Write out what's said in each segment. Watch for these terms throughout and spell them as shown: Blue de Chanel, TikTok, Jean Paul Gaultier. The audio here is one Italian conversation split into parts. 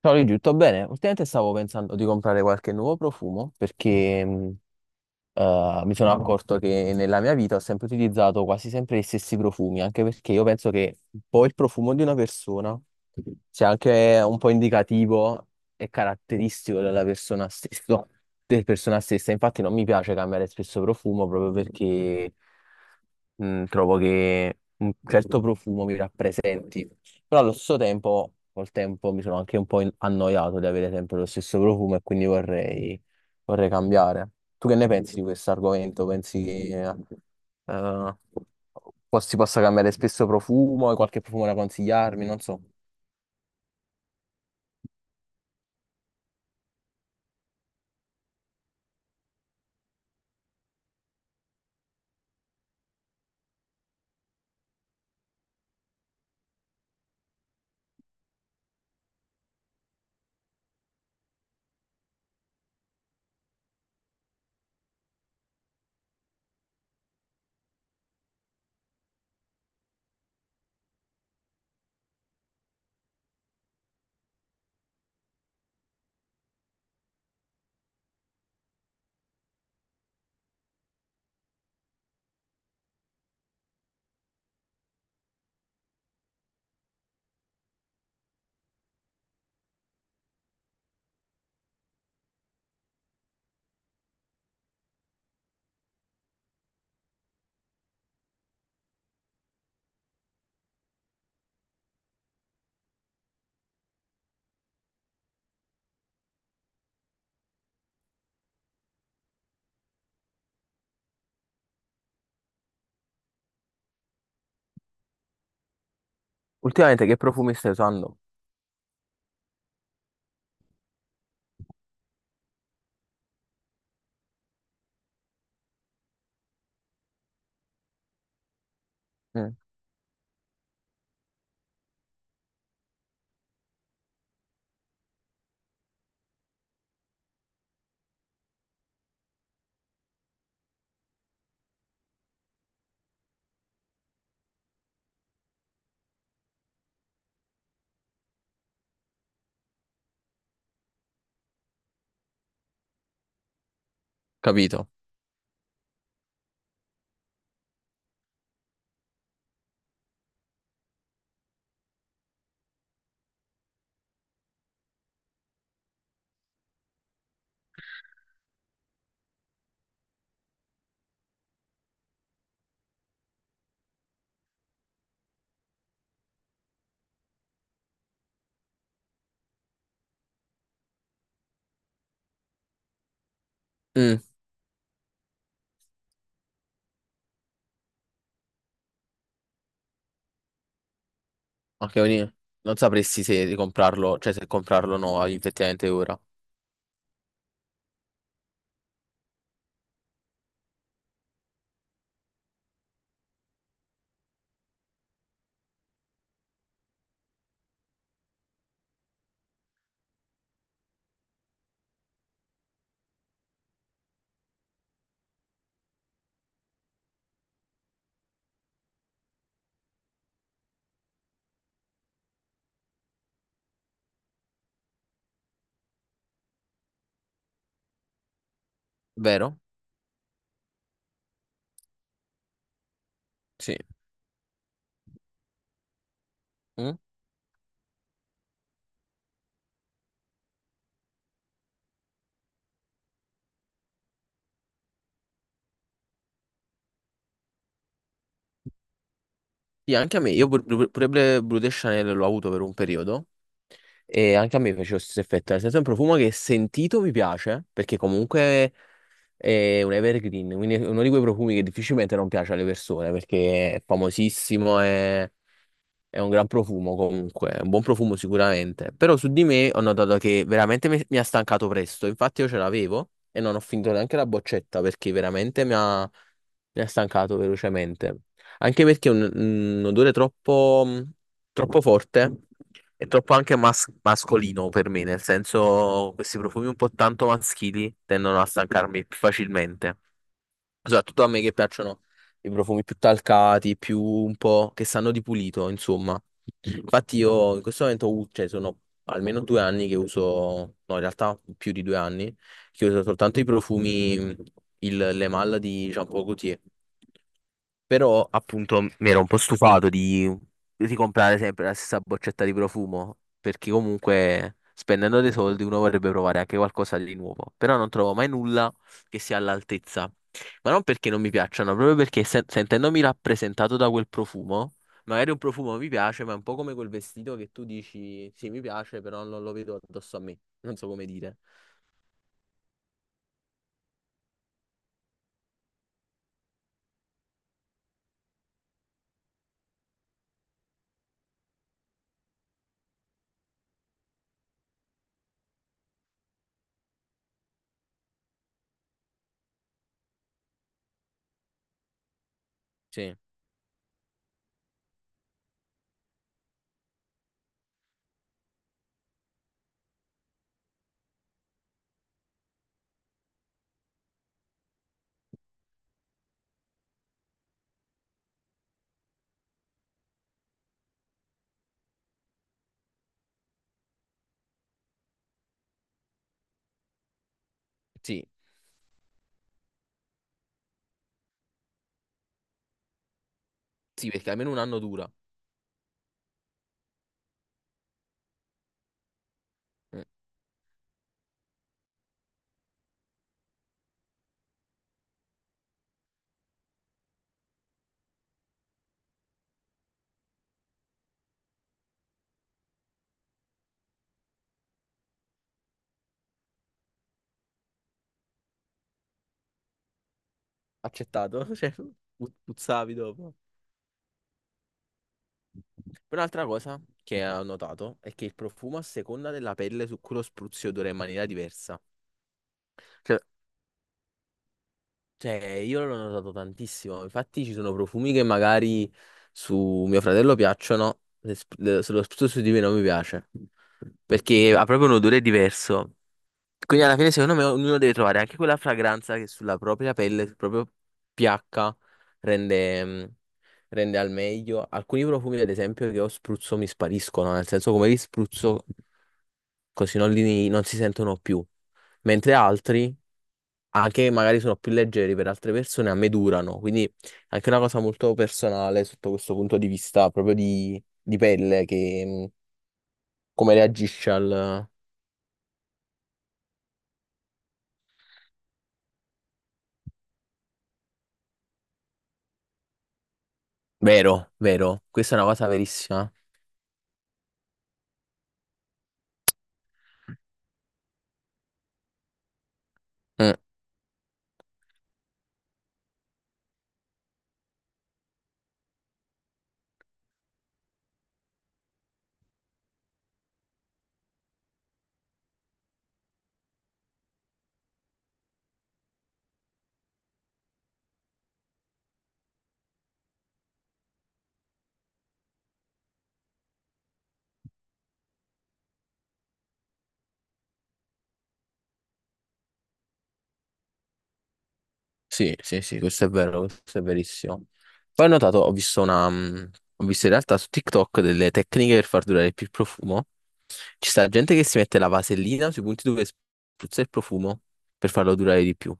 Ciao Luigi, tutto bene? Ultimamente stavo pensando di comprare qualche nuovo profumo perché mi sono No. accorto che nella mia vita ho sempre utilizzato quasi sempre gli stessi profumi, anche perché io penso che un po' il profumo di una persona sia anche un po' indicativo e caratteristico della persona stessa. Infatti non mi piace cambiare spesso profumo proprio perché trovo che un certo profumo mi rappresenti. Però allo stesso tempo, col tempo mi sono anche un po' annoiato di avere sempre lo stesso profumo e quindi vorrei cambiare. Tu che ne pensi di questo argomento? Pensi che eh, si possa cambiare spesso profumo? Hai qualche profumo da consigliarmi? Non so. Ultimamente che profumi stai usando? Mm. Capito. Mm, ok, quindi non sapresti se ricomprarlo, cioè se comprarlo o no effettivamente ora. Vero? Sì. Mm? Sì, anche a me. Io pure Blue de Chanel l'ho avuto per un periodo. E anche a me faceva lo stesso effetto, nel senso è un profumo che sentito mi piace, perché comunque è un evergreen, quindi è uno di quei profumi che difficilmente non piace alle persone perché è famosissimo e è un gran profumo comunque, è un buon profumo sicuramente. Però su di me ho notato che veramente mi ha stancato presto. Infatti io ce l'avevo e non ho finito neanche la boccetta perché veramente mi ha stancato velocemente. Anche perché è un odore troppo, troppo forte e troppo anche mascolino per me, nel senso questi profumi un po' tanto maschili tendono a stancarmi più facilmente. Soprattutto a me che piacciono i profumi più talcati, più un po' che sanno di pulito, insomma. Infatti io in questo momento, cioè sono almeno 2 anni che uso, no in realtà più di 2 anni, che uso soltanto i profumi, il, le malle di Jean Paul Gaultier. Però appunto mi ero un po' stufato di ricomprare sempre la stessa boccetta di profumo, perché comunque spendendo dei soldi uno vorrebbe provare anche qualcosa di nuovo, però non trovo mai nulla che sia all'altezza. Ma non perché non mi piacciono, proprio perché sentendomi rappresentato da quel profumo, magari un profumo mi piace, ma è un po' come quel vestito che tu dici, sì, mi piace, però non lo vedo addosso a me. Non so come dire. Sì, sì, sì, perché almeno un anno dura. Mm. Accettato, cioè, puzzavi dopo. Poi un'altra cosa che ho notato è che il profumo a seconda della pelle su cui lo spruzzi odora in maniera diversa. Cioè, Cioè, io l'ho notato tantissimo. Infatti, ci sono profumi che magari su mio fratello piacciono, se lo spruzzo su di me non mi piace. Perché ha proprio un odore diverso. Quindi, alla fine, secondo me, ognuno deve trovare anche quella fragranza che sulla propria pelle, sul proprio pH, rende, mm, rende al meglio. Alcuni profumi, ad esempio, che ho spruzzo mi spariscono, nel senso, come li spruzzo, così non, li, non si sentono più. Mentre altri anche magari sono più leggeri per altre persone, a me durano, quindi è anche una cosa molto personale sotto questo punto di vista, proprio di, pelle, che come reagisce al... Vero, vero, questa è una cosa verissima. Mm, sì, sì, sì, questo è vero, questo è verissimo. Poi ho notato, ho visto in realtà su TikTok delle tecniche per far durare più il profumo. Ci sta gente che si mette la vasellina sui punti dove spruzza il profumo per farlo durare di più.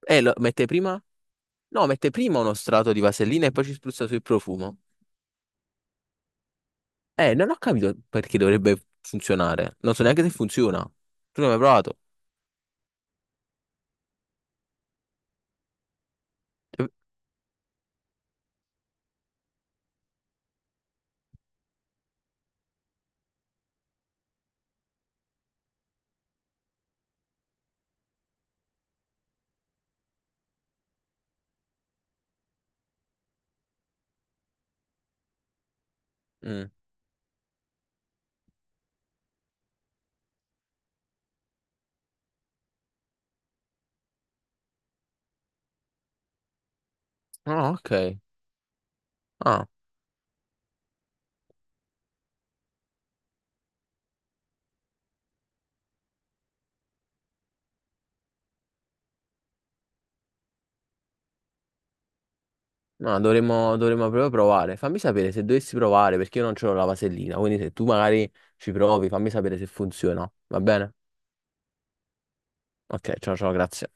E lo mette prima. No, mette prima uno strato di vasellina e poi ci spruzza sul profumo. Non ho capito perché dovrebbe funzionare. Non so neanche se funziona. Tu non hai mai provato? Cioè, mm. Ah, ok. Ah, no, dovremmo proprio provare. Fammi sapere se dovessi provare, perché io non c'ho la vasellina. Quindi se tu magari ci provi, fammi sapere se funziona. Va bene? Ok, ciao ciao, grazie.